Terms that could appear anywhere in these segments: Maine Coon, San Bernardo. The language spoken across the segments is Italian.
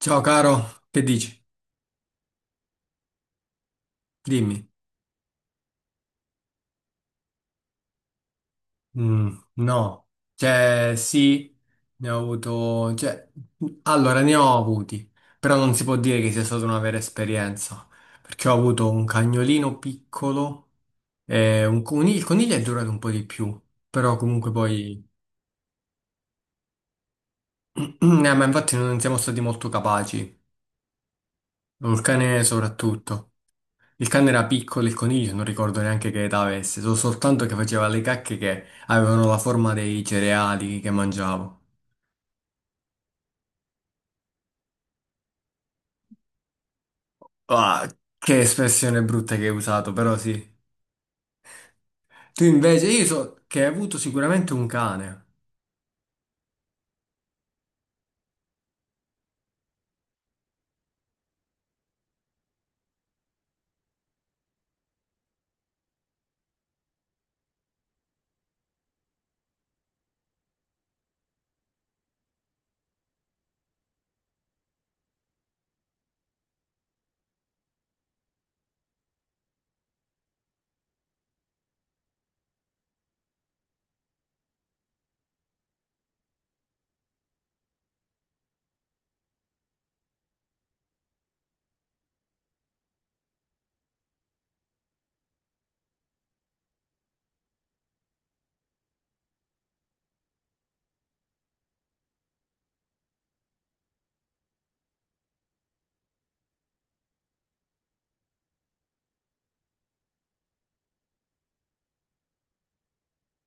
Ciao caro, che dici? Dimmi. No, cioè sì, ne ho avuto, allora ne ho avuti, però non si può dire che sia stata una vera esperienza, perché ho avuto un cagnolino piccolo e un coniglio. Il coniglio è durato un po' di più, però comunque poi, eh, ma infatti non siamo stati molto capaci, il cane soprattutto. Il cane era piccolo, il coniglio non ricordo neanche che età avesse, so soltanto che faceva le cacche che avevano la forma dei cereali che mangiavo. Ah, che espressione brutta che hai usato, però sì. Tu invece, io so che hai avuto sicuramente un cane.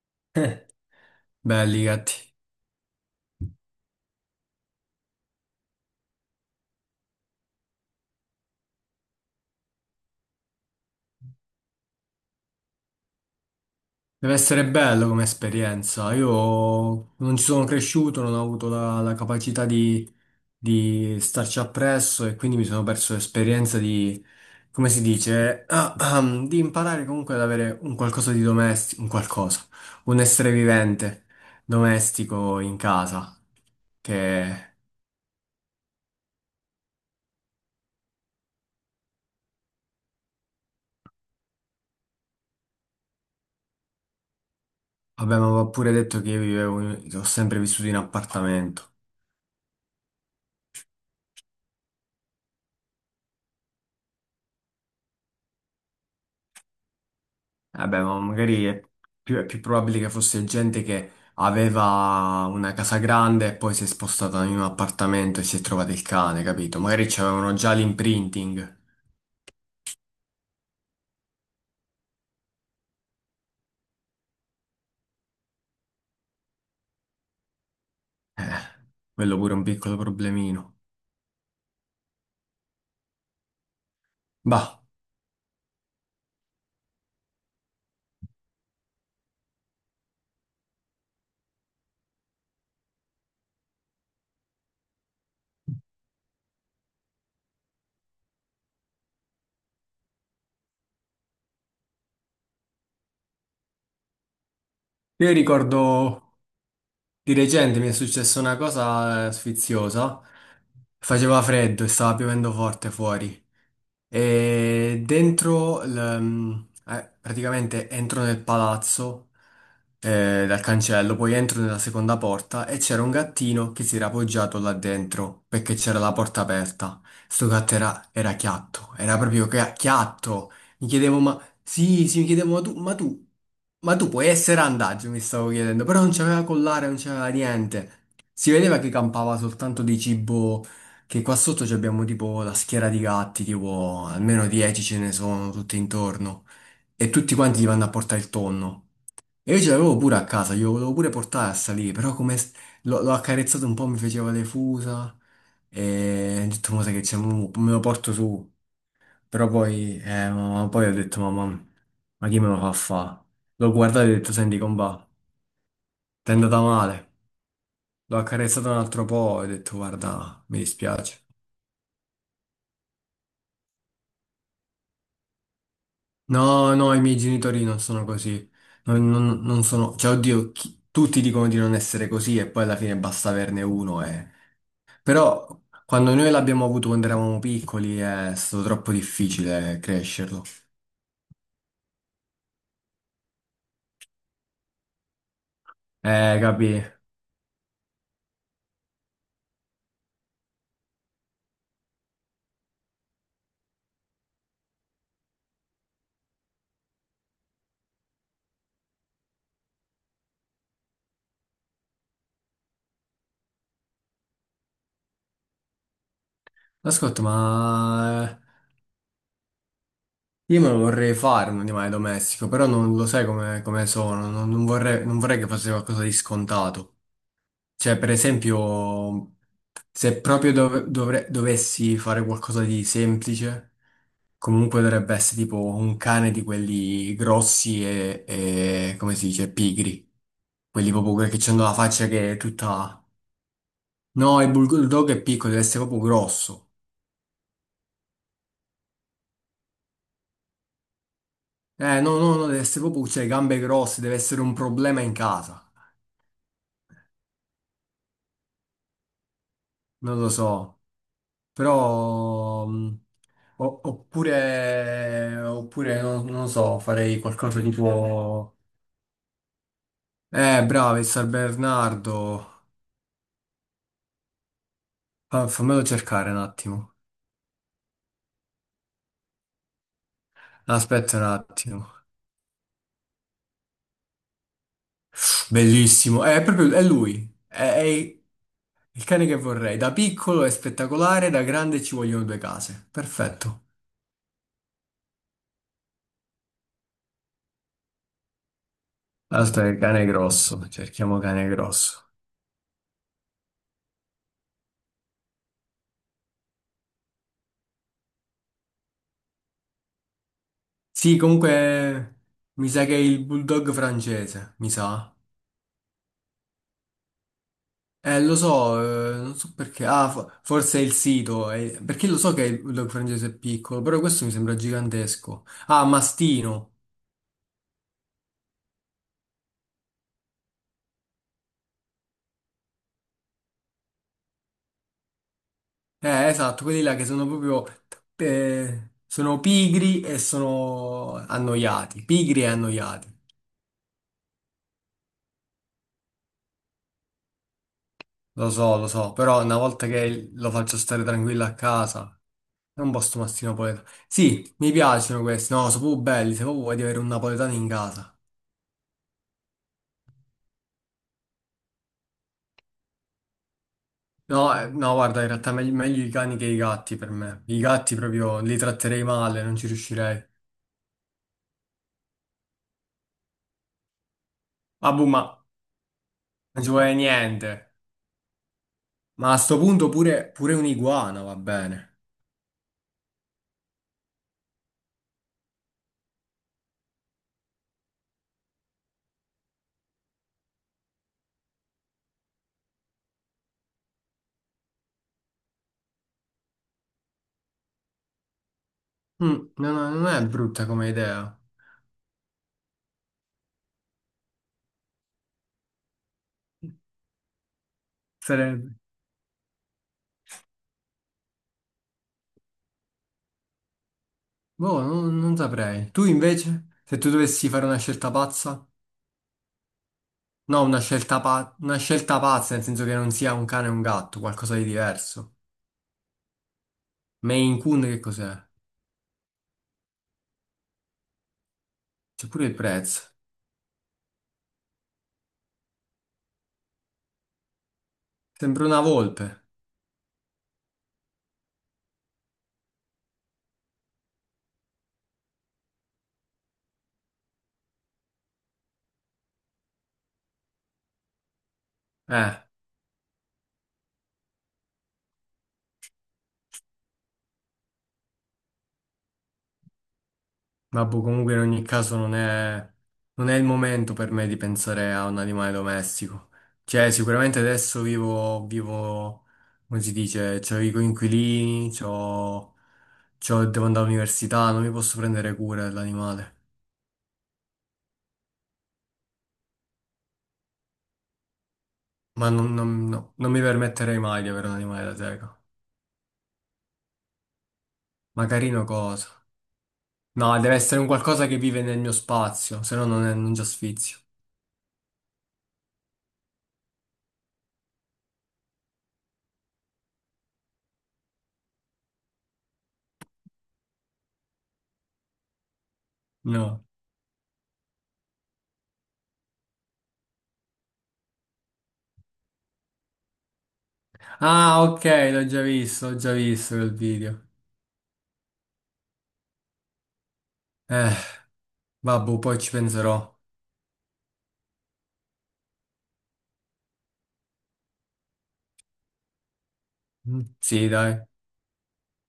Belli i gatti. Deve essere bello come esperienza. Io non ci sono cresciuto, non ho avuto la capacità di starci appresso e quindi mi sono perso l'esperienza di, come si dice, di imparare comunque ad avere un qualcosa di domestico, un qualcosa, un essere vivente domestico in casa. Che abbiamo pure detto che io vivevo, ho sempre vissuto in appartamento. Vabbè, ma magari è più probabile che fosse gente che aveva una casa grande e poi si è spostata in un appartamento e si è trovata il cane, capito? Magari c'avevano già l'imprinting. Eh, quello pure è un piccolo problemino. Bah, io ricordo di recente mi è successa una cosa sfiziosa. Faceva freddo e stava piovendo forte fuori. E dentro, praticamente entro nel palazzo dal cancello, poi entro nella seconda porta e c'era un gattino che si era appoggiato là dentro perché c'era la porta aperta. Sto gatto era chiatto, era proprio chiatto. Mi chiedevo, ma sì, sì, mi chiedevo, ma tu puoi essere andaggio, mi stavo chiedendo, però non c'aveva collare, non c'aveva niente. Si vedeva che campava soltanto di cibo, che qua sotto ci abbiamo tipo la schiera di gatti, tipo almeno 10 ce ne sono tutti intorno. E tutti quanti gli vanno a portare il tonno. E io ce l'avevo pure a casa, glielo volevo pure portare a salire, però l'ho accarezzato un po', mi faceva le fusa. E ho detto, ma sai che c'è, mo me lo porto su. Però poi, ma poi ho detto, mamma, ma chi me lo fa fa? L'ho guardato e ho detto, senti, comba, ti è andata male. L'ho accarezzato un altro po' e ho detto, guarda, mi dispiace. No, no, i miei genitori non sono così. Non sono, cioè, oddio, tutti dicono di non essere così e poi alla fine basta averne uno. E... Però quando noi l'abbiamo avuto quando eravamo piccoli, è stato troppo difficile crescerlo. Capì? Ascolta, ma io me lo vorrei fare un animale domestico, però non lo sai come, come sono. Non vorrei, non vorrei che fosse qualcosa di scontato. Cioè, per esempio, se proprio dovessi fare qualcosa di semplice, comunque dovrebbe essere tipo un cane di quelli grossi e, come si dice, pigri. Quelli proprio che c'hanno la faccia che è tutta... No, il bulldog è piccolo, deve essere proprio grosso. No, no, no, deve essere proprio, cioè, gambe grosse, deve essere un problema in casa. Non lo so, però... oppure, oppure non lo so, farei qualcosa tipo... bravo, il San Bernardo. Fammelo cercare un attimo. Aspetta un attimo. Bellissimo. È lui. È il cane che vorrei. Da piccolo è spettacolare, da grande ci vogliono due case. Perfetto. Aspetta, il cane grosso. Cerchiamo cane grosso. Sì, comunque mi sa che è il bulldog francese, mi sa. Lo so, non so perché. Ah, forse è il sito, perché lo so che il log francese è piccolo, però questo mi sembra gigantesco. Ah, mastino. Esatto, quelli là che sono proprio sono pigri e sono annoiati, pigri e annoiati. Lo so, però una volta che lo faccio stare tranquillo a casa, è un posto mastino napoletano. Sì, mi piacciono questi, no, sono proprio belli, se proprio vuoi di avere un napoletano in casa. No, no, guarda, in realtà meglio, meglio i cani che i gatti per me. I gatti proprio li tratterei male, non ci riuscirei. Ah, boh, ma non ci vuole niente. Ma a sto punto pure, pure un'iguana va bene. Mm, no, no, non è brutta come idea. Sarebbe. Boh, non saprei. Tu invece, se tu dovessi fare una scelta pazza? No, una scelta, una scelta pazza, nel senso che non sia un cane e un gatto, qualcosa di diverso. Maine Coon che cos'è? C'è pure il prezzo. Sembra una volpe. Eh. Vabbè, comunque in ogni caso non è il momento per me di pensare a un animale domestico. Cioè, sicuramente adesso vivo, come si dice, c'ho i coinquilini, devo andare all'università, non mi posso prendere cura dell'animale. No, non mi permetterei mai di avere un animale da teca. Ma carino cosa? No, deve essere un qualcosa che vive nel mio spazio, se no non già sfizio. No. Ah, ok, l'ho già visto quel video. Eh. Vabbè, poi ci penserò. Mm, sì, dai.